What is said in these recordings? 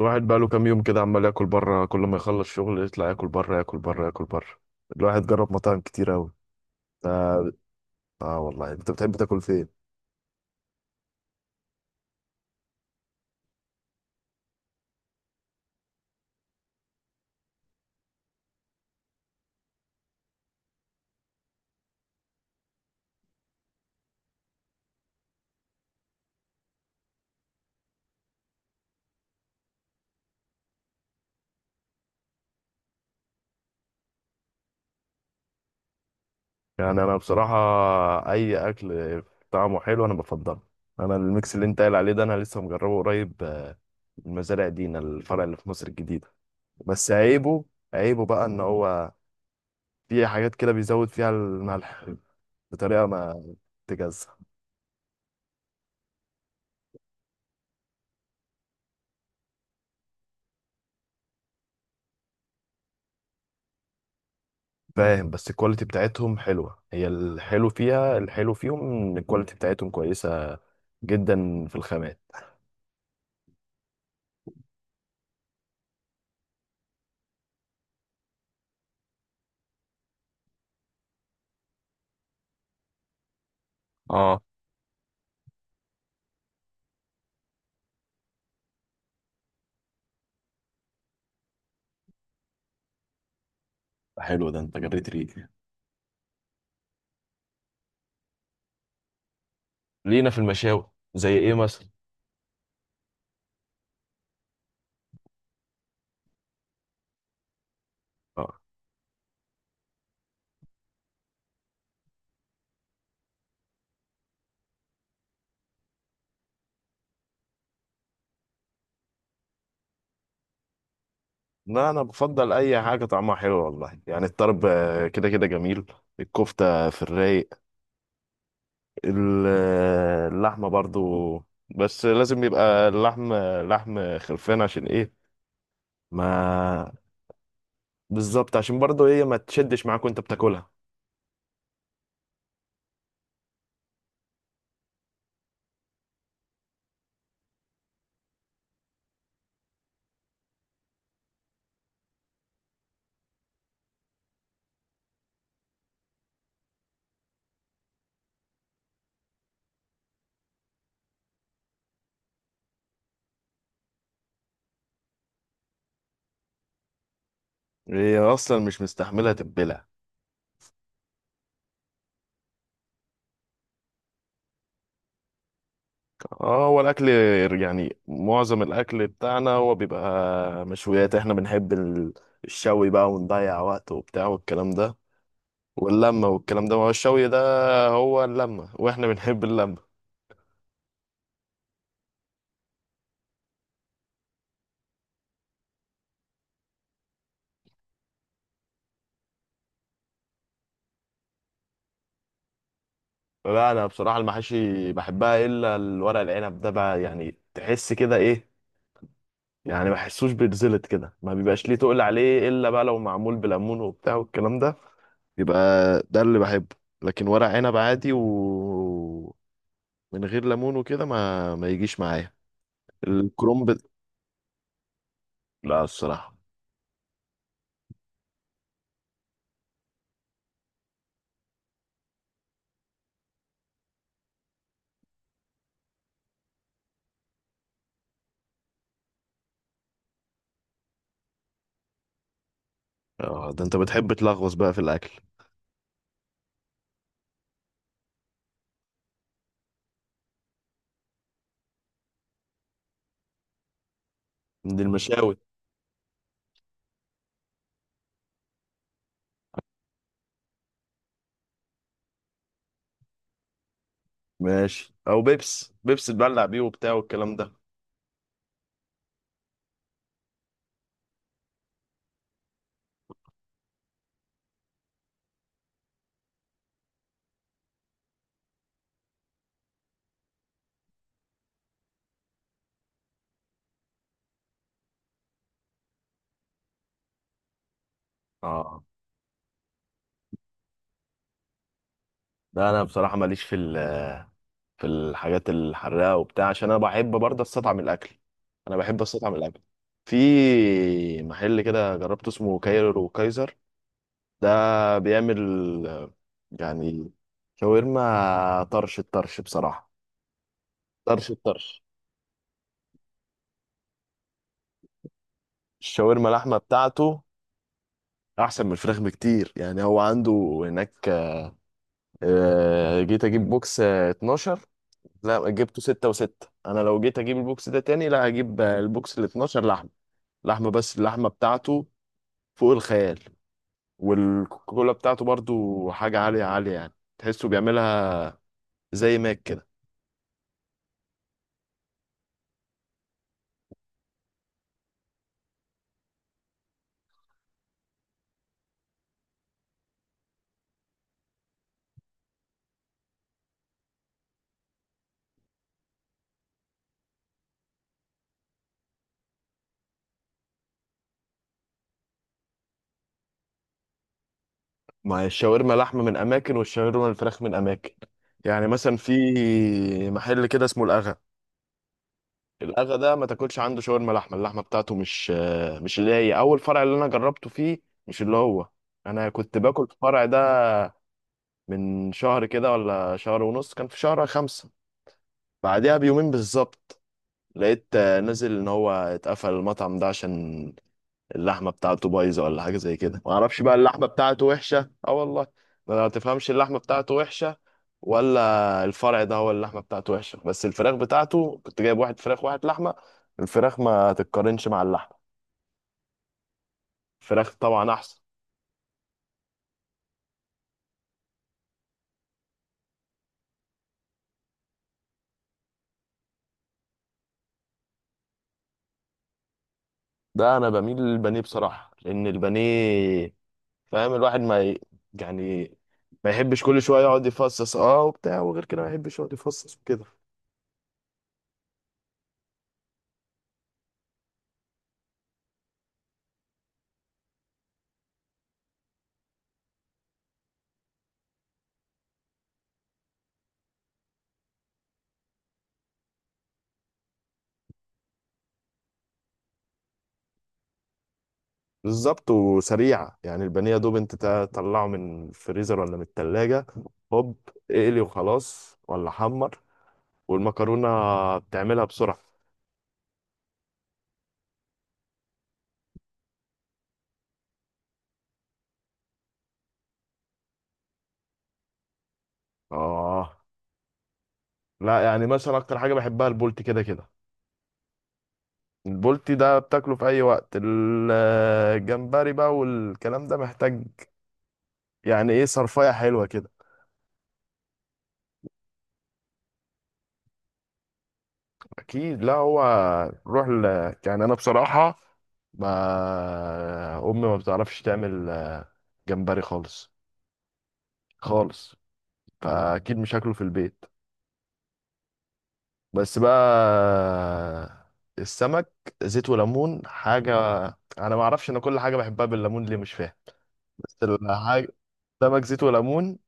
الواحد بقاله كام يوم كده عمال ياكل بره، كل ما يخلص شغل يطلع ياكل بره ياكل بره ياكل بره. الواحد جرب مطاعم كتير قوي. آه, اه والله، انت بتحب تاكل فين؟ يعني انا بصراحه، اي اكل طعمه حلو انا بفضله. انا الميكس اللي انت قايل عليه ده انا لسه مجربه قريب. من مزارع دينا، الفرع اللي في مصر الجديده. بس عيبه، عيبه بقى ان هو في حاجات كده بيزود فيها الملح بطريقه ما تجزع. فاهم، بس الكواليتي بتاعتهم حلوة، هي الحلو فيها، الحلو فيهم ان الكواليتي بتاعتهم كويسة جدا في الخامات. اه، حلو ده، انت جريت ريقي. لينا في المشاوي زي ايه مثلا؟ اه، لا انا بفضل اي حاجه طعمها حلو والله. يعني الطرب كده كده جميل، الكفته في الرايق. اللحمه برضو، بس لازم يبقى اللحم لحم خرفان. عشان ايه؟ ما بالظبط، عشان برضو ايه؟ ما تشدش معاك وانت بتاكلها، هي اصلا مش مستحمله تتبلع. اه، هو الاكل يعني معظم الاكل بتاعنا هو بيبقى مشويات. احنا بنحب الشوي بقى، ونضيع وقت وبتاع والكلام ده، واللمه والكلام ده. ما هو الشوي ده هو اللمه، واحنا بنحب اللمه. لا انا بصراحه المحاشي بحبها، الا الورق العنب ده بقى، يعني تحس كده ايه يعني، ما بحسوش، بيتزلط كده، ما بيبقاش ليه تقول عليه. الا بقى لو معمول بليمون وبتاع والكلام ده، يبقى ده اللي بحبه. لكن ورق عنب عادي ومن غير ليمون وكده ما يجيش معايا. الكرنب؟ لا الصراحة. اه، ده انت بتحب تلغوص بقى في الاكل. من المشاوي؟ ماشي، او بيبس بيبس تبلع بيه وبتاع والكلام ده. اه، ده انا بصراحة ماليش في الحاجات الحراقة وبتاع، عشان انا بحب برضه استطعم الاكل، انا بحب استطعم الاكل. في محل كده جربته اسمه كايرو كايزر، ده بيعمل يعني شاورما، طرش الطرش بصراحة. طرش الطرش، الشاورما اللحمة بتاعته أحسن من الفراخ بكتير. يعني هو عنده هناك، جيت أجيب بوكس 12. لا، جبته 6 و6. أنا لو جيت أجيب البوكس ده تاني، لا هجيب البوكس ال 12، لحمة. لحمة بس، اللحمة بتاعته فوق الخيال. والكوكولا بتاعته برضو حاجة عالية عالية، يعني تحسه بيعملها زي ماك. ما هي الشاورما لحمة من أماكن، والشاورما الفراخ من أماكن. يعني مثلا في محل كده اسمه الأغا، الأغا ده ما تاكلش عنده شاورما لحمة، اللحمة بتاعته مش، مش اللي هي أول فرع اللي أنا جربته فيه. مش اللي هو، أنا كنت باكل في الفرع ده من شهر كده ولا شهر ونص، كان في شهر خمسة. بعدها بيومين بالظبط لقيت نزل إن هو اتقفل المطعم ده، عشان اللحمه بتاعته بايظه ولا حاجه زي كده، ما اعرفش بقى. اللحمه بتاعته وحشه، اه والله. ما تفهمش، اللحمه بتاعته وحشه، ولا الفرع ده هو اللحمه بتاعته وحشه. بس الفراخ بتاعته، كنت جايب واحد فراخ واحد لحمه، الفراخ ما تتقارنش مع اللحمه. الفراخ طبعا احسن. ده انا بميل للبانيه بصراحه، لان البانيه فاهم، الواحد ما ي- يعني ما يحبش كل شويه يقعد يفصص اه وبتاع. وغير كده، ما يحبش يقعد يفصص وكده. بالظبط، وسريعة، يعني البانيه دوب انت تطلعه من الفريزر ولا من التلاجة، هوب اقلي وخلاص، ولا حمر. والمكرونة بتعملها بسرعة. اه، لا يعني مثلا اكتر حاجة بحبها البولتي كده كده. البولتي ده بتاكله في اي وقت. الجمبري بقى والكلام ده محتاج يعني ايه، صرفية حلوة كده. اكيد، لا هو. روح ل... يعني انا بصراحة، ما امي ما بتعرفش تعمل جمبري خالص، خالص. فاكيد مش هاكله في البيت. بس بقى السمك، زيت وليمون حاجه. انا ما اعرفش، انا كل حاجه بحبها بالليمون ليه مش فاهم. بس الحاجه، سمك زيت وليمون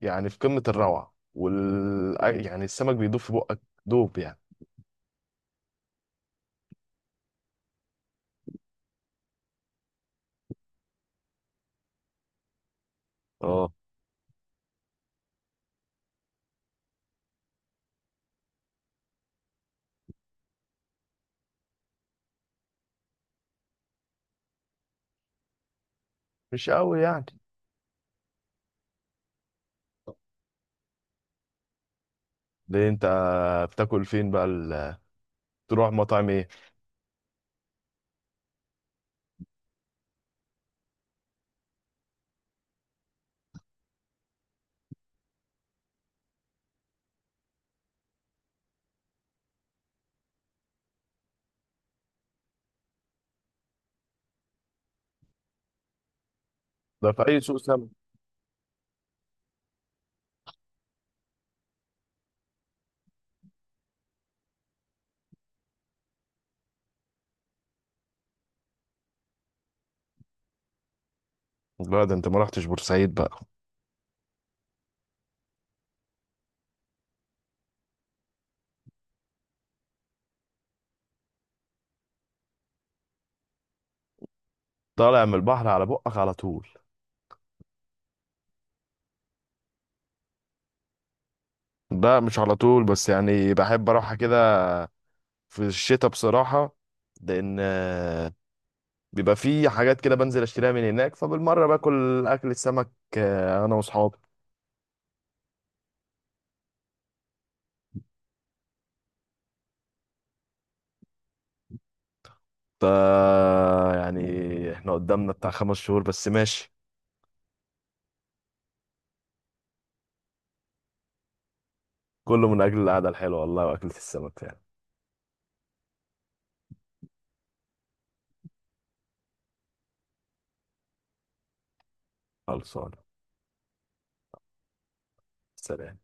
يعني في قمه الروعه، وال، يعني السمك بيدوب في بقك، دوب يعني. اه، مش قوي يعني. ليه انت بتاكل فين بقى؟ تروح مطاعم ايه؟ ده في اي سوق سمك؟ لا ده انت ما رحتش بورسعيد بقى. طالع من البحر على بقك على طول. لا مش على طول، بس يعني بحب اروح كده في الشتاء بصراحة، لأن بيبقى في حاجات كده بنزل أشتريها من هناك، فبالمرة باكل أكل السمك أنا وأصحابي. ف يعني إحنا قدامنا بتاع 5 شهور بس، ماشي. كله من أجل القعدة الحلوة والله، وأكلة السمك يعني. خلصانة. سلام.